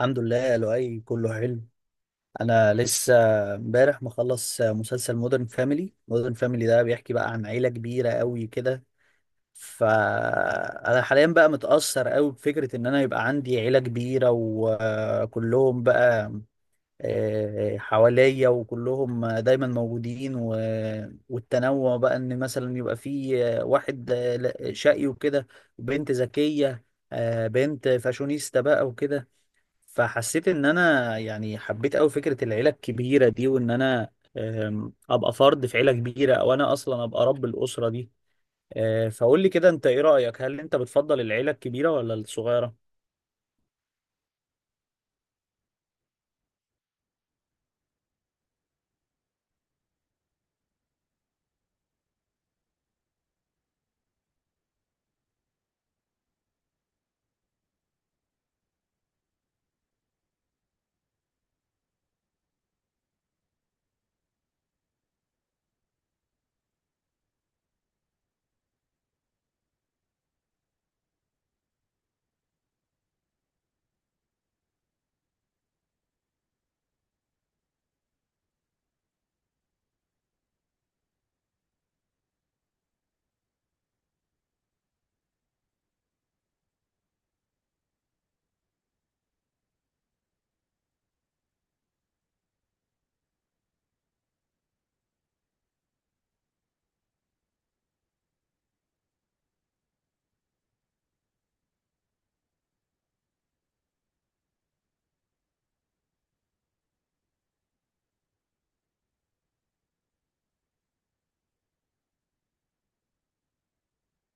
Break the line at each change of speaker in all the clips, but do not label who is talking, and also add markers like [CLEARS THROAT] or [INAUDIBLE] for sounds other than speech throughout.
الحمد لله لؤي، كله حلو. انا لسه امبارح مخلص مسلسل مودرن فاميلي. مودرن فاميلي ده بيحكي بقى عن عيله كبيره قوي كده. فانا حاليا بقى متاثر قوي بفكره ان انا يبقى عندي عيله كبيره وكلهم بقى حواليا، وكلهم دايما موجودين، والتنوع بقى ان مثلا يبقى في واحد شقي وكده، بنت ذكيه، بنت فاشونيستا بقى وكده. فحسيت ان انا يعني حبيت قوي فكره العيله الكبيره دي، وان انا ابقى فرد في عيله كبيره، او انا اصلا ابقى رب الاسره دي. فقول لي كده، انت ايه رايك؟ هل انت بتفضل العيله الكبيره ولا الصغيره؟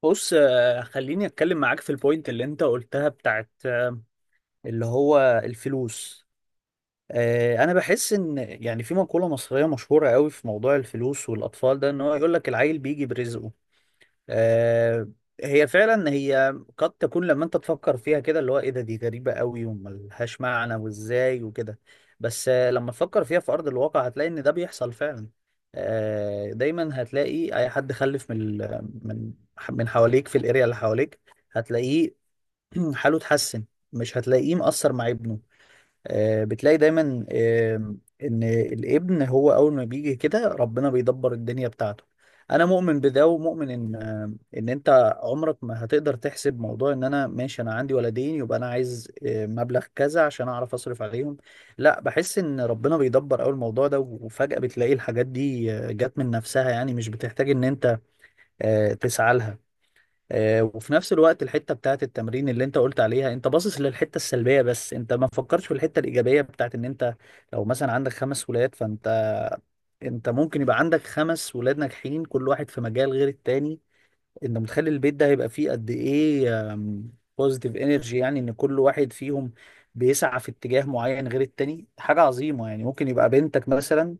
بص، خليني اتكلم معاك في البوينت اللي انت قلتها بتاعت اللي هو الفلوس. انا بحس ان يعني في مقوله مصريه مشهوره قوي في موضوع الفلوس والاطفال ده، ان هو يقول لك العيل بيجي برزقه. آه، هي فعلا، هي قد تكون لما انت تفكر فيها كده اللي هو ايه ده، دي غريبة قوي وملهاش معنى وازاي وكده، بس لما تفكر فيها في ارض الواقع هتلاقي ان ده بيحصل فعلا. دايما هتلاقي اي حد خلف من ال- من من حواليك في الاريا اللي حواليك، هتلاقيه [CLEARS THROAT] حاله اتحسن، مش هتلاقيه مقصر مع ابنه. بتلاقي دايما ان الابن هو اول ما بيجي كده ربنا بيدبر الدنيا بتاعته. انا مؤمن بده ومؤمن ان ان انت عمرك ما هتقدر تحسب موضوع ان انا ماشي انا عندي ولدين يبقى انا عايز مبلغ كذا عشان اعرف اصرف عليهم. لا، بحس ان ربنا بيدبر اول الموضوع ده، وفجأة بتلاقي الحاجات دي جت من نفسها، يعني مش بتحتاج ان انت تسعى لها. وفي نفس الوقت الحته بتاعت التمرين اللي انت قلت عليها، انت باصص للحته السلبيه بس انت ما فكرتش في الحته الايجابيه بتاعت ان انت لو مثلا عندك خمس ولاد، فانت انت ممكن يبقى عندك خمس ولاد ناجحين، كل واحد في مجال غير التاني. انت متخيل البيت ده هيبقى فيه قد ايه بوزيتيف انرجي؟ يعني ان كل واحد فيهم بيسعى في اتجاه معين غير التاني، حاجه عظيمه. يعني ممكن يبقى بنتك مثلا،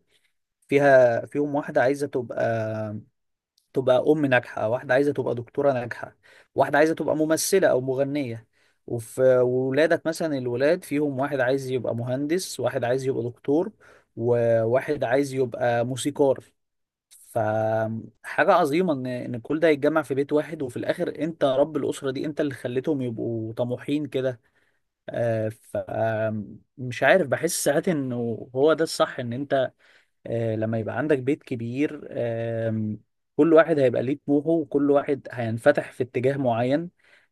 فيها فيهم واحده عايزه تبقى ام ناجحه، واحده عايزه تبقى دكتوره ناجحه، واحده عايزه تبقى ممثله او مغنيه. وفي ولادك مثلا الولاد فيهم واحد عايز يبقى مهندس، واحد عايز يبقى دكتور، وواحد عايز يبقى موسيقار. فحاجة عظيمة إن كل ده يتجمع في بيت واحد، وفي الآخر أنت رب الأسرة دي، أنت اللي خليتهم يبقوا طموحين كده. آه، ف آم، مش عارف، بحس ساعات إنه هو ده الصح، إن أنت لما يبقى عندك بيت كبير كل واحد هيبقى ليه طموحه وكل واحد هينفتح في اتجاه معين.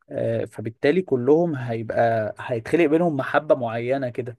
فبالتالي كلهم هيبقى هيتخلق بينهم محبة معينة كده.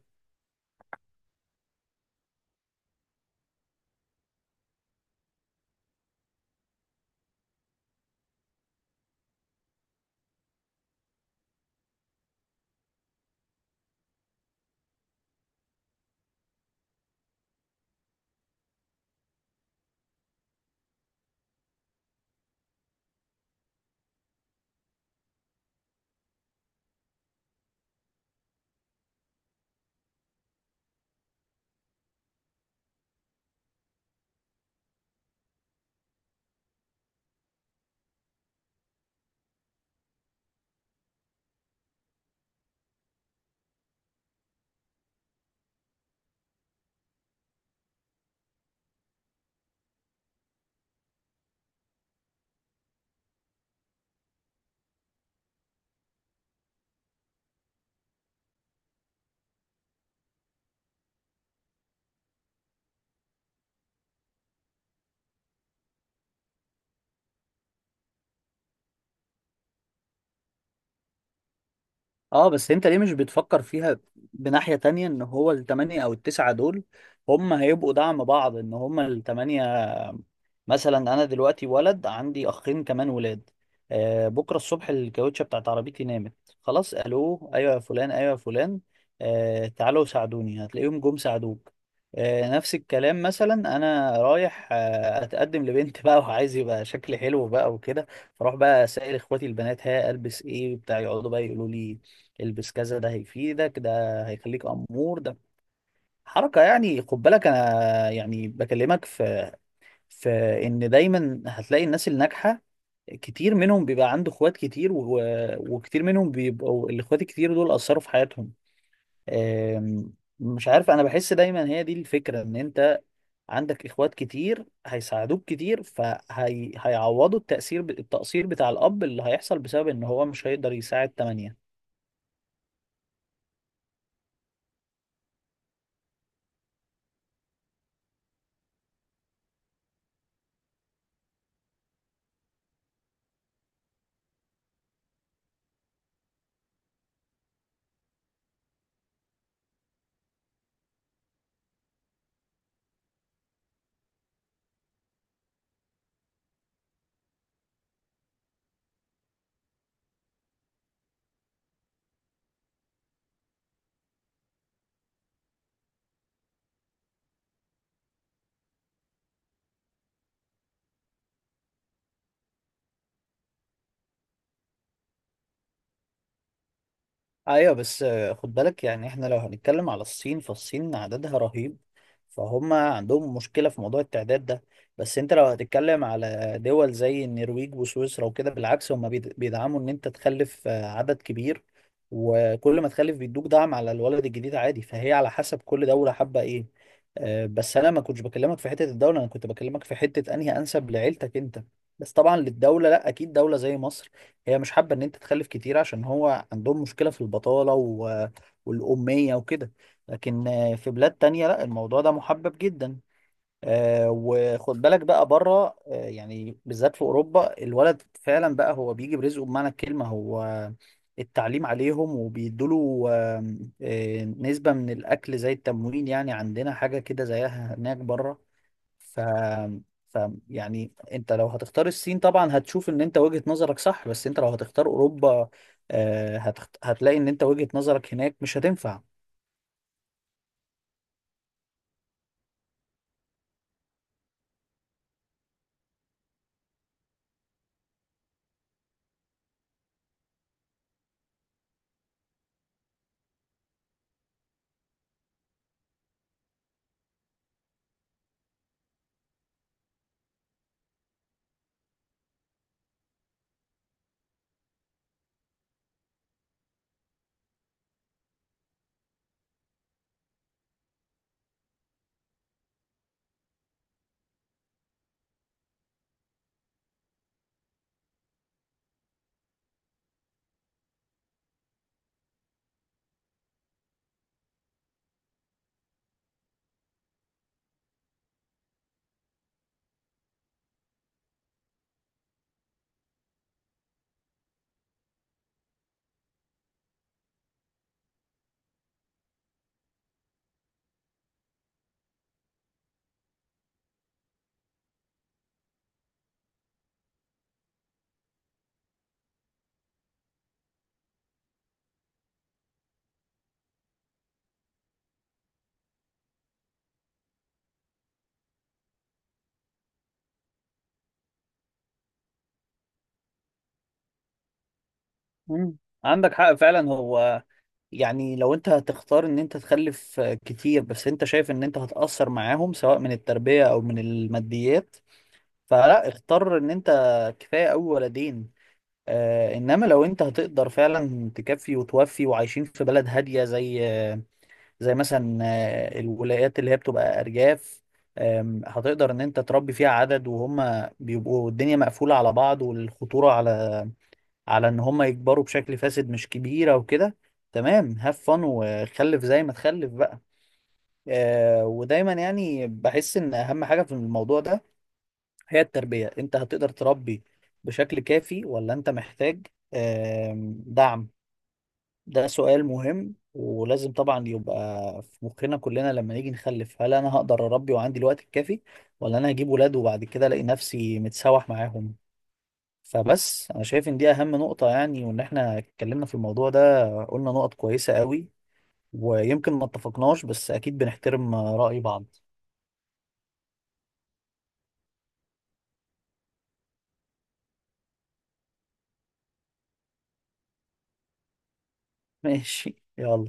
اه بس انت ليه مش بتفكر فيها بناحية تانية، ان هو التمانية او التسعة دول هم هيبقوا دعم بعض، ان هم التمانية. مثلا انا دلوقتي ولد عندي اخين كمان ولاد. بكرة الصبح الكاوتشة بتاعت عربيتي نامت، خلاص، الو، ايوه يا فلان، ايوه يا فلان، تعالوا ساعدوني، هتلاقيهم جم ساعدوك. نفس الكلام، مثلا انا رايح اتقدم لبنت [LAUGHS] بقى وعايز يبقى شكلي حلو بقى وكده. فاروح بقى اسال اخواتي البنات ها البس ايه بتاع، يقعدوا بقى يقولوا لي البس كذا، ده هيفيدك، ده هيخليك امور، ده حركه. يعني خد بالك انا يعني بكلمك في ان دايما هتلاقي الناس الناجحه كتير منهم بيبقى عنده اخوات كتير وكتير منهم بيبقوا الاخوات الكتير دول اثروا في حياتهم. أم، مش عارف، انا بحس دايما هي دي الفكره، ان انت عندك اخوات كتير هيساعدوك كتير فهيعوضوا التأثير التقصير بتاع الاب اللي هيحصل بسبب ان هو مش هيقدر يساعد تمانية. ايوه بس خد بالك يعني احنا لو هنتكلم على الصين، فالصين عددها رهيب، فهم عندهم مشكلة في موضوع التعداد ده. بس انت لو هتتكلم على دول زي النرويج وسويسرا وكده بالعكس هم بيدعموا ان انت تخلف عدد كبير، وكل ما تخلف بيدوك دعم على الولد الجديد عادي. فهي على حسب كل دولة حابة ايه. بس انا ما كنتش بكلمك في حتة الدولة، انا كنت بكلمك في حتة انهي انسب لعيلتك انت. بس طبعا للدولة، لا اكيد دولة زي مصر هي مش حابة ان انت تخلف كتير عشان هو عندهم مشكلة في البطالة والأمية وكده. لكن في بلاد تانية لا، الموضوع ده محبب جدا. وخد بالك بقى بره، يعني بالذات في أوروبا الولد فعلا بقى هو بيجي برزقه بمعنى الكلمة. هو التعليم عليهم، وبيدوله آم، آه، نسبة من الأكل زي التموين، يعني عندنا حاجة كده زيها هناك بره. ف... ف يعني انت لو هتختار الصين طبعا هتشوف ان انت وجهة نظرك صح، بس انت لو هتختار اوروبا هتلاقي ان انت وجهة نظرك هناك مش هتنفع. مم. عندك حق فعلا. هو يعني لو انت هتختار ان انت تخلف كتير، بس انت شايف ان انت هتأثر معاهم سواء من التربية او من الماديات، فلا، اختار ان انت كفاية اوي ولدين. آه، انما لو انت هتقدر فعلا تكفي وتوفي، وعايشين في بلد هادية زي مثلا الولايات اللي هي بتبقى ارجاف، هتقدر ان انت تربي فيها عدد، وهم بيبقوا الدنيا مقفولة على بعض والخطورة على ان هم يكبروا بشكل فاسد مش كبيرة وكده. تمام، هاف فن، وخلف زي ما تخلف بقى. ودايما يعني بحس ان اهم حاجة في الموضوع ده هي التربية. انت هتقدر تربي بشكل كافي، ولا انت محتاج دعم؟ ده سؤال مهم ولازم طبعا يبقى في مخنا كلنا لما نيجي نخلف، هل انا هقدر اربي وعندي الوقت الكافي، ولا انا هجيب ولاد وبعد كده الاقي نفسي متسوح معاهم؟ فبس انا شايف ان دي اهم نقطة يعني. وان احنا اتكلمنا في الموضوع ده قلنا نقط كويسة قوي، ويمكن ما اتفقناش بس اكيد بنحترم رأي بعض. [LAUGHS] ماشي يلا.